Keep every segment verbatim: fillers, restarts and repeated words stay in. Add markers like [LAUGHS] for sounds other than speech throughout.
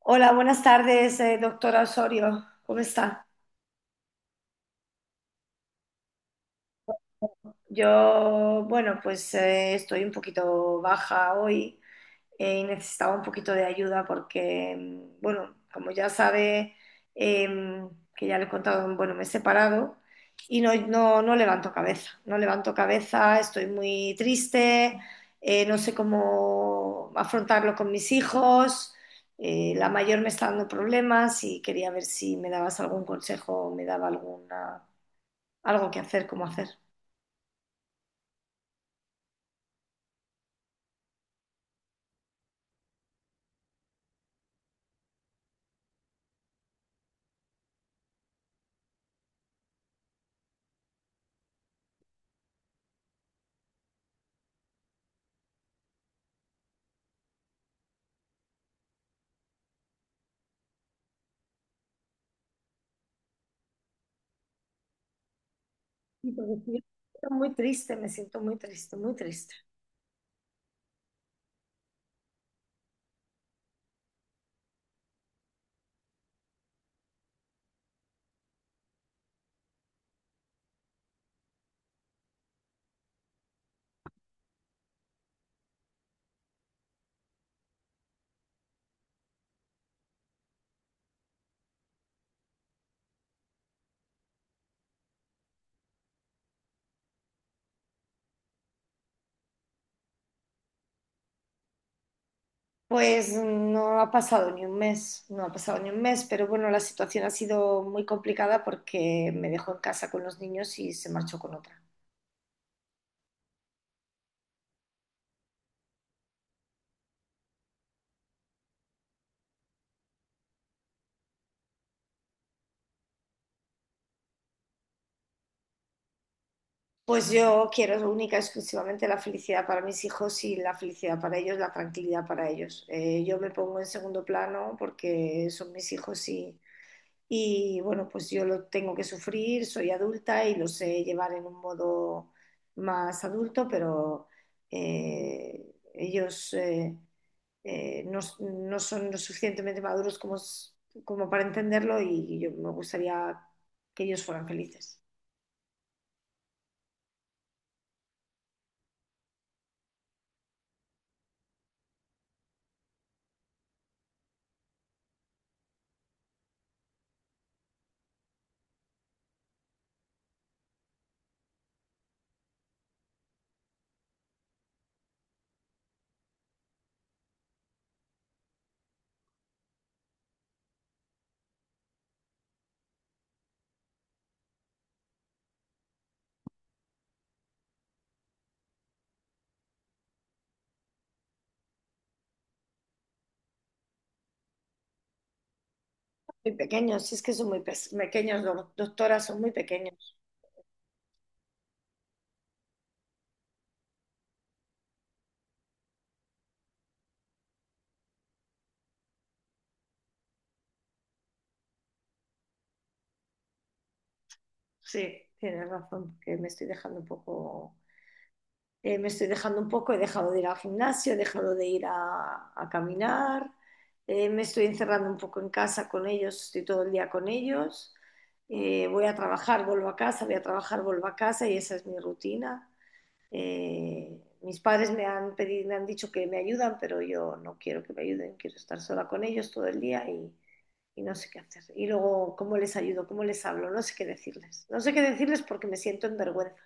Hola, buenas tardes, eh, doctora Osorio. ¿Cómo está? Yo, bueno, pues eh, estoy un poquito baja hoy eh, y necesitaba un poquito de ayuda porque, mm, bueno, como ya sabe, em, que ya le he contado, bueno, me he separado y no, no, no levanto cabeza, no levanto cabeza, estoy muy triste, eh, no sé cómo afrontarlo con mis hijos, eh, la mayor me está dando problemas y quería ver si me dabas algún consejo, me daba alguna, algo que hacer, cómo hacer. Sí, porque sí, estoy muy triste, me siento muy triste, muy triste. Pues no ha pasado ni un mes, no ha pasado ni un mes, pero bueno, la situación ha sido muy complicada porque me dejó en casa con los niños y se marchó con otra. Pues yo quiero única y exclusivamente la felicidad para mis hijos y la felicidad para ellos, la tranquilidad para ellos. Eh, yo me pongo en segundo plano porque son mis hijos y. Y bueno, pues yo lo tengo que sufrir, soy adulta y lo sé llevar en un modo más adulto, pero eh, ellos eh, eh, no, no son lo suficientemente maduros como, s- como para entenderlo y yo me gustaría que ellos fueran felices. Muy pequeños, si es que son muy pes- pequeños, do- doctora, son muy pequeños. Sí, tienes razón, que me estoy dejando un poco eh, me estoy dejando un poco, he dejado de ir al gimnasio, he dejado de ir a, a caminar, eh, me estoy encerrando un poco en casa con ellos, estoy todo el día con ellos, eh, voy a trabajar, vuelvo a casa, voy a trabajar, vuelvo a casa y esa es mi rutina. Eh, mis padres me han pedido, me han dicho que me ayudan, pero yo no quiero que me ayuden, quiero estar sola con ellos todo el día y, y no sé qué hacer. Y luego, ¿cómo les ayudo? ¿Cómo les hablo? No sé qué decirles. No sé qué decirles porque me siento en vergüenza.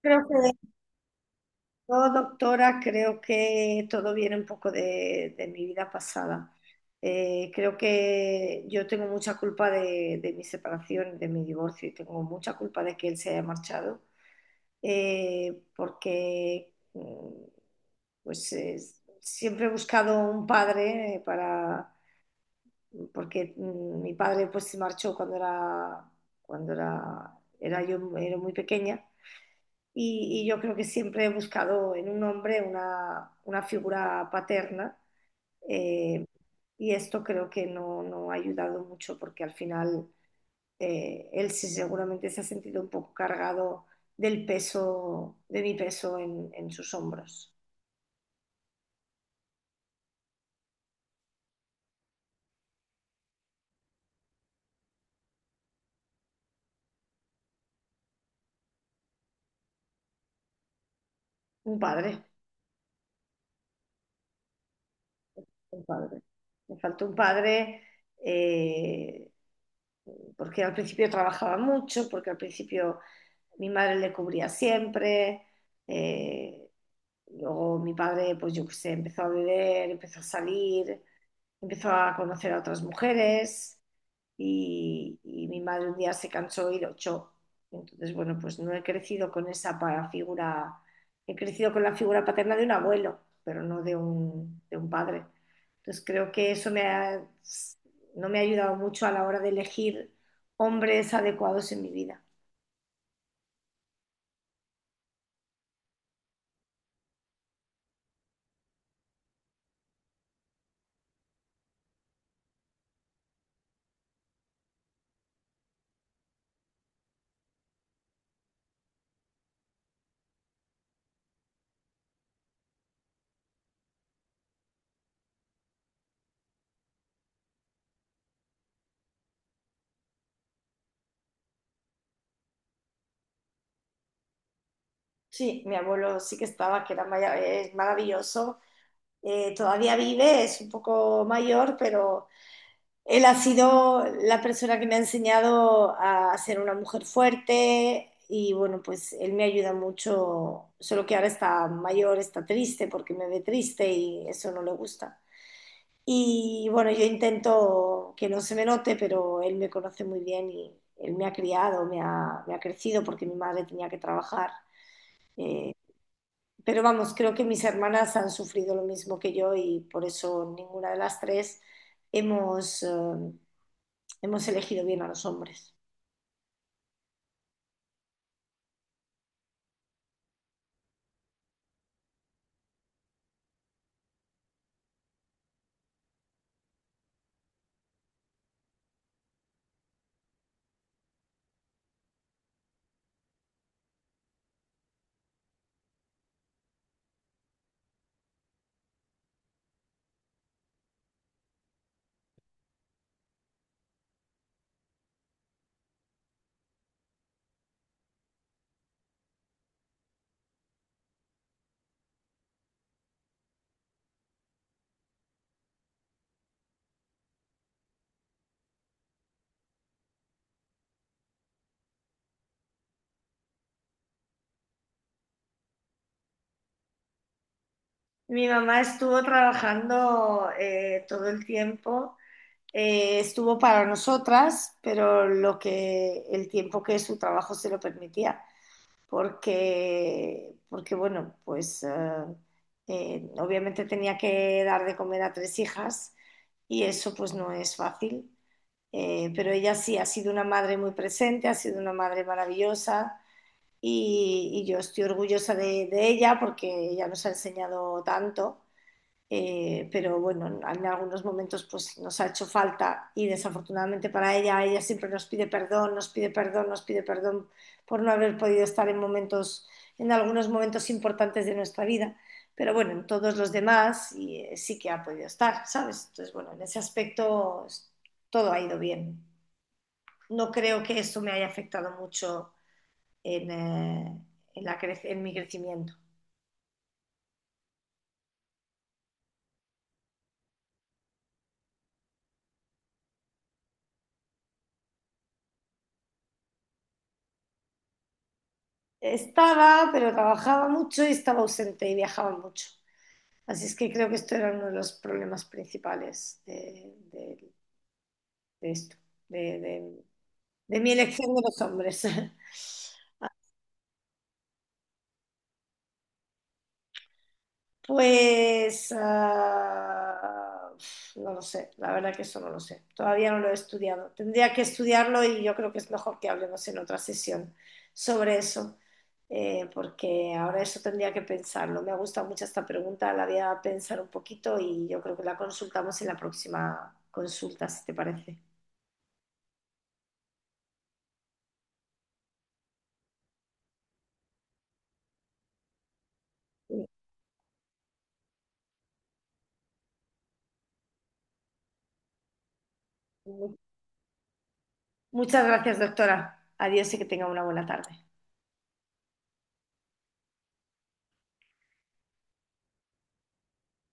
Creo que yo, doctora, creo que todo viene un poco de, de mi vida pasada. Eh, creo que yo tengo mucha culpa de, de mi separación, de mi divorcio, y tengo mucha culpa de que él se haya marchado, eh, porque mm, pues eh, siempre he buscado un padre eh, para, porque mm, mi padre pues se marchó cuando era, cuando era, era yo, era muy pequeña y, y yo creo que siempre he buscado en un hombre una, una figura paterna eh, y esto creo que no, no ha ayudado mucho porque al final eh, él sí seguramente se ha sentido un poco cargado del peso, de mi peso en, en sus hombros. Un padre. Un padre. Me faltó un padre eh, porque al principio trabajaba mucho, porque al principio mi madre le cubría siempre. eh, Luego mi padre, pues yo qué sé, empezó a beber, empezó a salir, empezó a conocer a otras mujeres y, y mi madre un día se cansó y lo echó. Entonces, bueno, pues no he crecido con esa pa- figura, he crecido con la figura paterna de un abuelo, pero no de un, de un padre. Entonces creo que eso me ha- no me ha ayudado mucho a la hora de elegir hombres adecuados en mi vida. Sí, mi abuelo sí que estaba, que era maya- es maravilloso. Eh, todavía vive, es un poco mayor, pero él ha sido la persona que me ha enseñado a ser una mujer fuerte y bueno, pues él me ayuda mucho, solo que ahora está mayor, está triste porque me ve triste y eso no le gusta. Y bueno, yo intento que no se me note, pero él me conoce muy bien y él me ha criado, me ha, me ha crecido porque mi madre tenía que trabajar. Eh, pero vamos, creo que mis hermanas han sufrido lo mismo que yo y por eso ninguna de las tres hemos... eh, hemos elegido bien a los hombres. Mi mamá estuvo trabajando eh, todo el tiempo. Eh, estuvo para nosotras, pero lo que el tiempo que su trabajo se lo permitía, porque, porque bueno, pues eh, eh, obviamente tenía que dar de comer a tres hijas y eso pues no es fácil. Eh, pero ella sí ha sido una madre muy presente, ha sido una madre maravillosa, y, y yo estoy orgullosa de, de ella porque ella nos ha enseñado tanto, eh, pero bueno, en algunos momentos pues nos ha hecho falta y desafortunadamente para ella, ella siempre nos pide perdón, nos pide perdón, nos pide perdón por no haber podido estar en momentos, en algunos momentos importantes de nuestra vida. Pero bueno, en todos los demás y, eh, sí que ha podido estar, ¿sabes? Entonces, bueno, en ese aspecto todo ha ido bien. No creo que eso me haya afectado mucho en, eh, en la cre- en mi crecimiento. Estaba, pero trabajaba mucho y estaba ausente y viajaba mucho. Así es que creo que esto era uno de los problemas principales de, de- de esto, de, de- de mi elección de los hombres. [LAUGHS] Pues ah, no lo sé, la verdad que eso no lo sé. Todavía no lo he estudiado. Tendría que estudiarlo y yo creo que es mejor que hablemos en otra sesión sobre eso, eh, porque ahora eso tendría que pensarlo. Me gusta mucho esta pregunta, la voy a pensar un poquito y yo creo que la consultamos en la próxima consulta, si te parece. Muchas gracias, doctora. Adiós y que tenga una buena tarde.